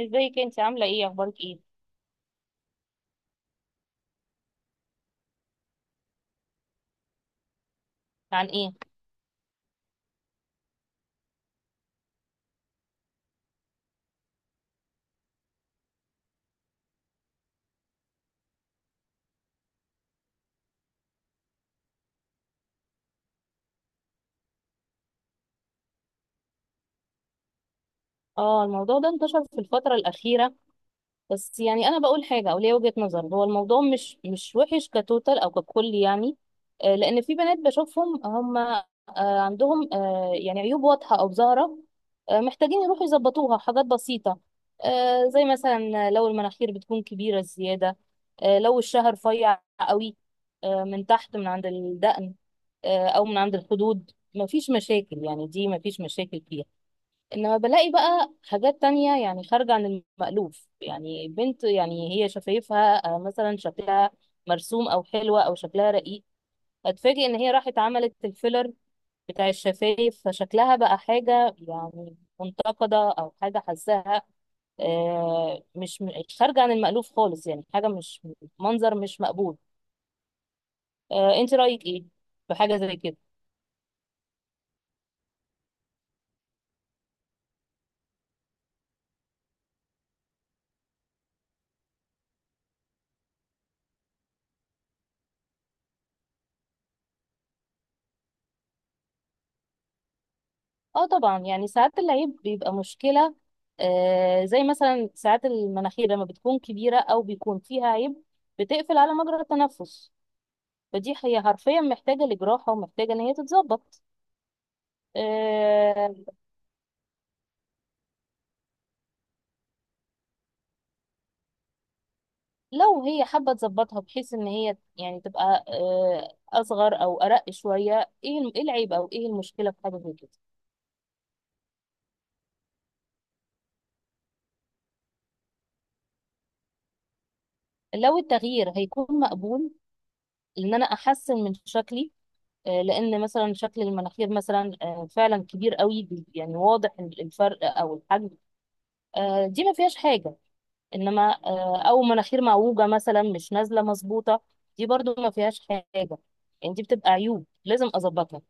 ازيك؟ انت عامله ايه؟ اخبارك ايه؟ عن ايه؟ اه، الموضوع ده انتشر في الفتره الاخيره. بس يعني انا بقول حاجه او ليا وجهه نظر. هو الموضوع مش وحش كتوتال او ككل يعني. لان في بنات بشوفهم، هم عندهم يعني عيوب واضحه او ظاهره. محتاجين يروحوا يظبطوها حاجات بسيطه. زي مثلا لو المناخير بتكون كبيره زياده. لو الشهر رفيع قوي. من تحت من عند الدقن. او من عند الخدود، مفيش مشاكل، يعني دي مفيش مشاكل فيها. انما بلاقي بقى حاجات تانية يعني خارجة عن المألوف. يعني بنت يعني هي شفايفها مثلا شكلها مرسوم او حلوة او شكلها رقيق، هتفاجئ ان هي راحت عملت الفيلر بتاع الشفايف، فشكلها بقى حاجة يعني منتقدة او حاجة حاساها آه، مش م- خارجة عن المألوف خالص، يعني حاجة مش، منظر مش مقبول. انت رأيك ايه في حاجة زي كده؟ اه طبعا، يعني ساعات العيب بيبقى مشكلة. زي مثلا ساعات المناخير لما بتكون كبيرة أو بيكون فيها عيب بتقفل على مجرى التنفس. فدي هي حرفيا محتاجة لجراحة ومحتاجة إن هي تتظبط. آه. لو هي حابة تظبطها بحيث إن هي يعني تبقى أصغر أو أرق شوية، إيه العيب أو إيه المشكلة في حاجة زي كده؟ لو التغيير هيكون مقبول إن أنا أحسن من شكلي، لان مثلا شكل المناخير مثلا فعلا كبير قوي، يعني واضح الفرق او الحجم، دي ما فيهاش حاجه. انما او مناخير معوجه مثلا مش نازله مظبوطه، دي برضو ما فيهاش حاجه. يعني دي بتبقى عيوب لازم اظبطها.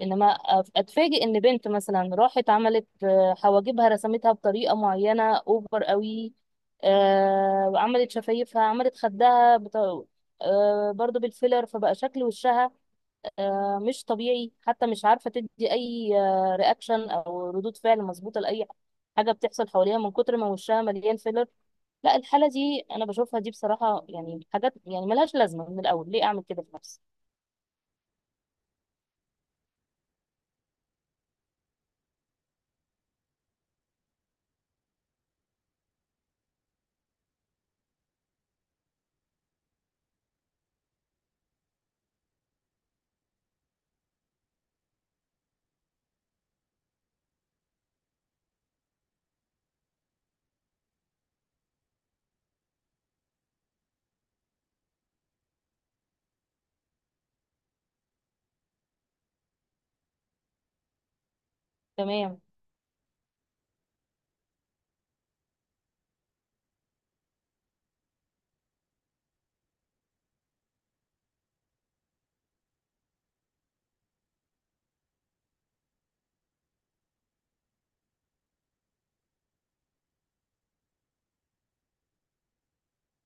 انما اتفاجئ ان بنت مثلا راحت عملت حواجبها رسمتها بطريقه معينه اوفر قوي، وعملت شفايفها، عملت خدها برضو بالفيلر، فبقى شكل وشها مش طبيعي، حتى مش عارفة تدي أي رياكشن أو ردود فعل مظبوطة لأي حاجة بتحصل حواليها من كتر ما وشها مليان فيلر. لا، الحالة دي أنا بشوفها دي بصراحة، يعني حاجات يعني ملهاش لازمة من الأول. ليه أعمل كده في نفسي؟ تمام.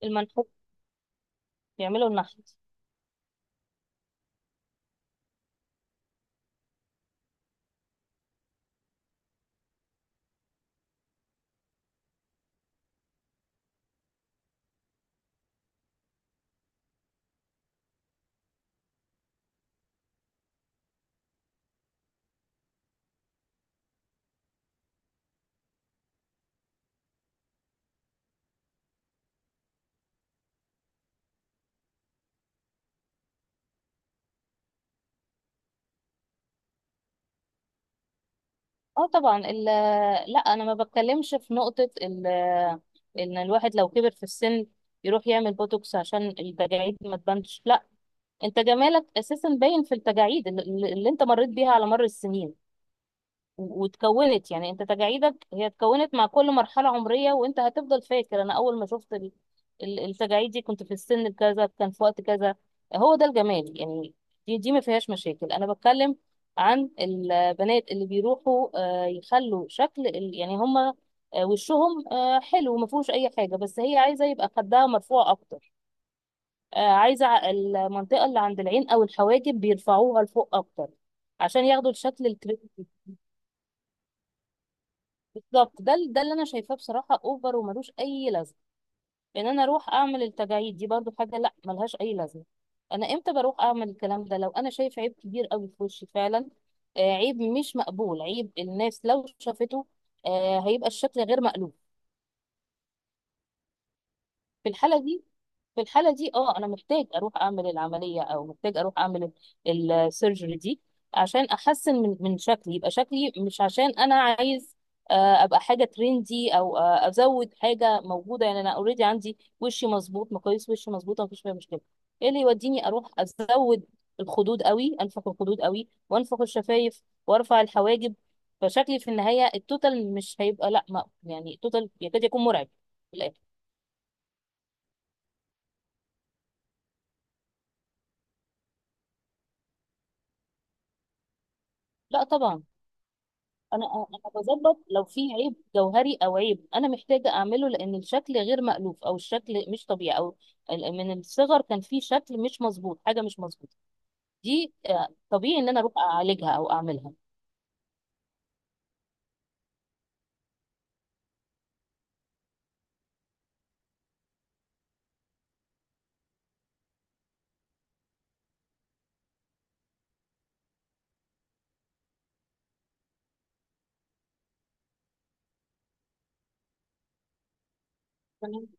المنحوت، بيعملوا النحت. اه طبعا، لا، أنا ما بتكلمش في نقطة إن الواحد لو كبر في السن يروح يعمل بوتوكس عشان التجاعيد ما تبانش، لا. انت جمالك اساسا باين في التجاعيد اللي انت مريت بيها على مر السنين، واتكونت، يعني انت تجاعيدك هي اتكونت مع كل مرحلة عمرية، وانت هتفضل فاكر انا اول ما شفت التجاعيد دي كنت في السن كذا، كان في وقت كذا. هو ده الجمال يعني. دي ما فيهاش مشاكل. انا بتكلم عن البنات اللي بيروحوا يخلوا شكل يعني هما وشهم حلو، ما فيهوش اي حاجة، بس هي عايزة يبقى خدها مرفوع اكتر، عايزة المنطقة اللي عند العين او الحواجب بيرفعوها لفوق اكتر عشان ياخدوا الشكل الكريم. بالظبط، ده اللي انا شايفاه، بصراحه اوفر وملوش اي لازمه، لان انا اروح اعمل التجاعيد دي برضو حاجه لا، ملهاش اي لازمه. انا امتى بروح اعمل الكلام ده؟ لو انا شايف عيب كبير قوي في وشي فعلا، آه عيب مش مقبول، عيب الناس لو شافته، آه هيبقى الشكل غير مألوف. في الحاله دي، في الحالة دي اه انا محتاج اروح اعمل العملية، او محتاج اروح اعمل السيرجري دي عشان احسن من شكلي، يبقى شكلي، مش عشان انا عايز ابقى حاجة ترندي، او ازود حاجة موجودة. يعني انا اوريدي عندي وشي مظبوط، مقاييس وشي مظبوطة، مفيش فيها مشكلة. ايه اللي يوديني اروح ازود الخدود قوي، انفخ الخدود قوي، وانفخ الشفايف، وارفع الحواجب؟ فشكلي في النهاية التوتال مش هيبقى، لا، ما يعني التوتال يكاد يكون مرعب في الآخر. لا طبعا، انا بظبط لو في عيب جوهري، او عيب انا محتاجه اعمله لان الشكل غير مألوف او الشكل مش طبيعي، او من الصغر كان في شكل مش مظبوط، حاجه مش مظبوطه، دي طبيعي ان انا اروح اعالجها او اعملها. تمام.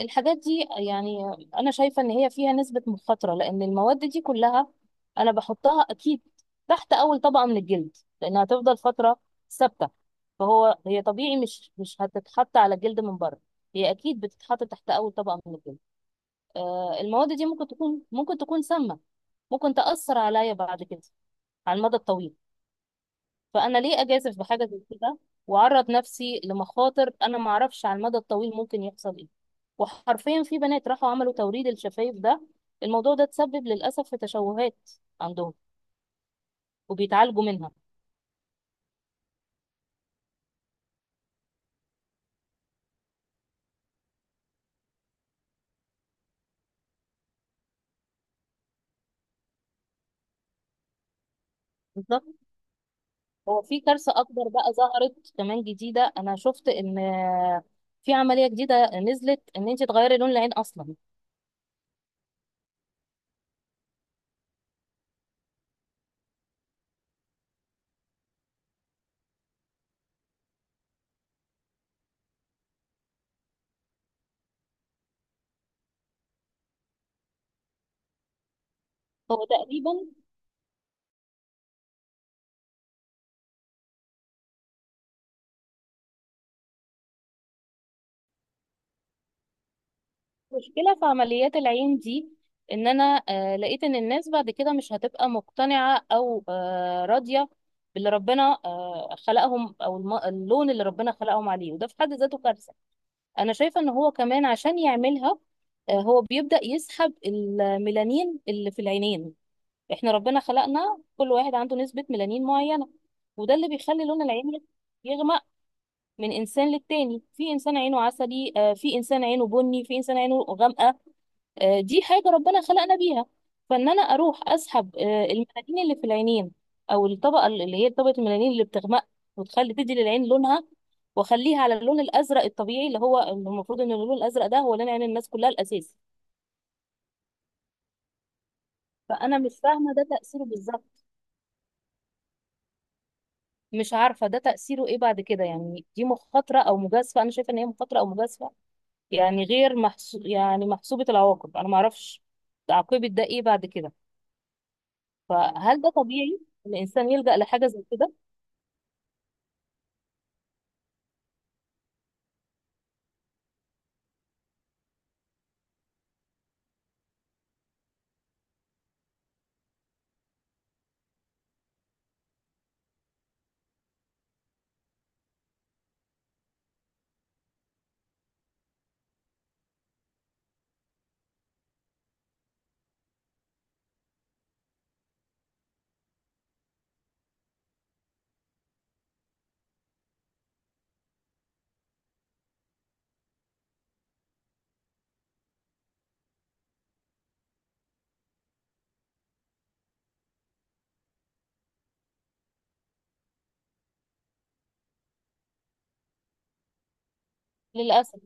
الحاجات دي يعني انا شايفه ان هي فيها نسبه مخاطره، لان المواد دي كلها انا بحطها اكيد تحت اول طبقه من الجلد، لانها هتفضل فتره ثابته. فهو هي طبيعي، مش هتتحط على الجلد من بره، هي اكيد بتتحط تحت اول طبقه من الجلد. المواد دي ممكن تكون، سامة، ممكن تأثر عليا بعد كده على المدى الطويل. فأنا ليه أجازف بحاجة زي كده وأعرض نفسي لمخاطر أنا معرفش على المدى الطويل ممكن يحصل إيه؟ وحرفيا في بنات راحوا عملوا توريد الشفايف ده، الموضوع ده تسبب للأسف في تشوهات عندهم وبيتعالجوا منها. بالظبط. هو في كارثة أكبر بقى ظهرت كمان جديدة، أنا شفت إن في عملية جديدة نزلت إن أنت تغيري لون العين أصلا. هو تقريبا مشكلة في عمليات العين دي، ان انا لقيت ان الناس بعد كده مش هتبقى مقتنعة، او راضية باللي ربنا خلقهم، او اللون اللي ربنا خلقهم عليه، وده في حد ذاته كارثة. انا شايفة ان هو كمان عشان يعملها هو بيبدأ يسحب الميلانين اللي في العينين. احنا ربنا خلقنا كل واحد عنده نسبة ميلانين معينة، وده اللي بيخلي لون العين يغمق من انسان للتاني، في انسان عينه عسلي، في انسان عينه بني، في انسان عينه غامقة. دي حاجة ربنا خلقنا بيها. فإن أنا أروح أسحب الميلانين اللي في العينين، أو الطبقة اللي هي طبقة الميلانين اللي بتغمق وتخلي، تدي للعين لونها، وأخليها على اللون الأزرق الطبيعي اللي هو اللي المفروض إن اللون الأزرق ده هو لون عين الناس كلها الأساسي. فأنا مش فاهمة ده تأثيره بالظبط. مش عارفة ده تأثيره إيه بعد كده، يعني دي مخاطرة أو مجازفة، أنا شايفة إن هي مخاطرة أو مجازفة، يعني غير محسو... يعني محسوبة العواقب، أنا معرفش عاقبة ده إيه بعد كده. فهل ده طبيعي الإنسان يلجأ لحاجة زي كده؟ للأسف.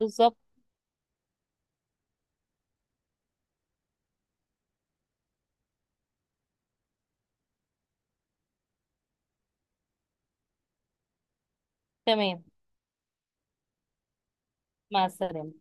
بالظبط. تمام. مع السلامة.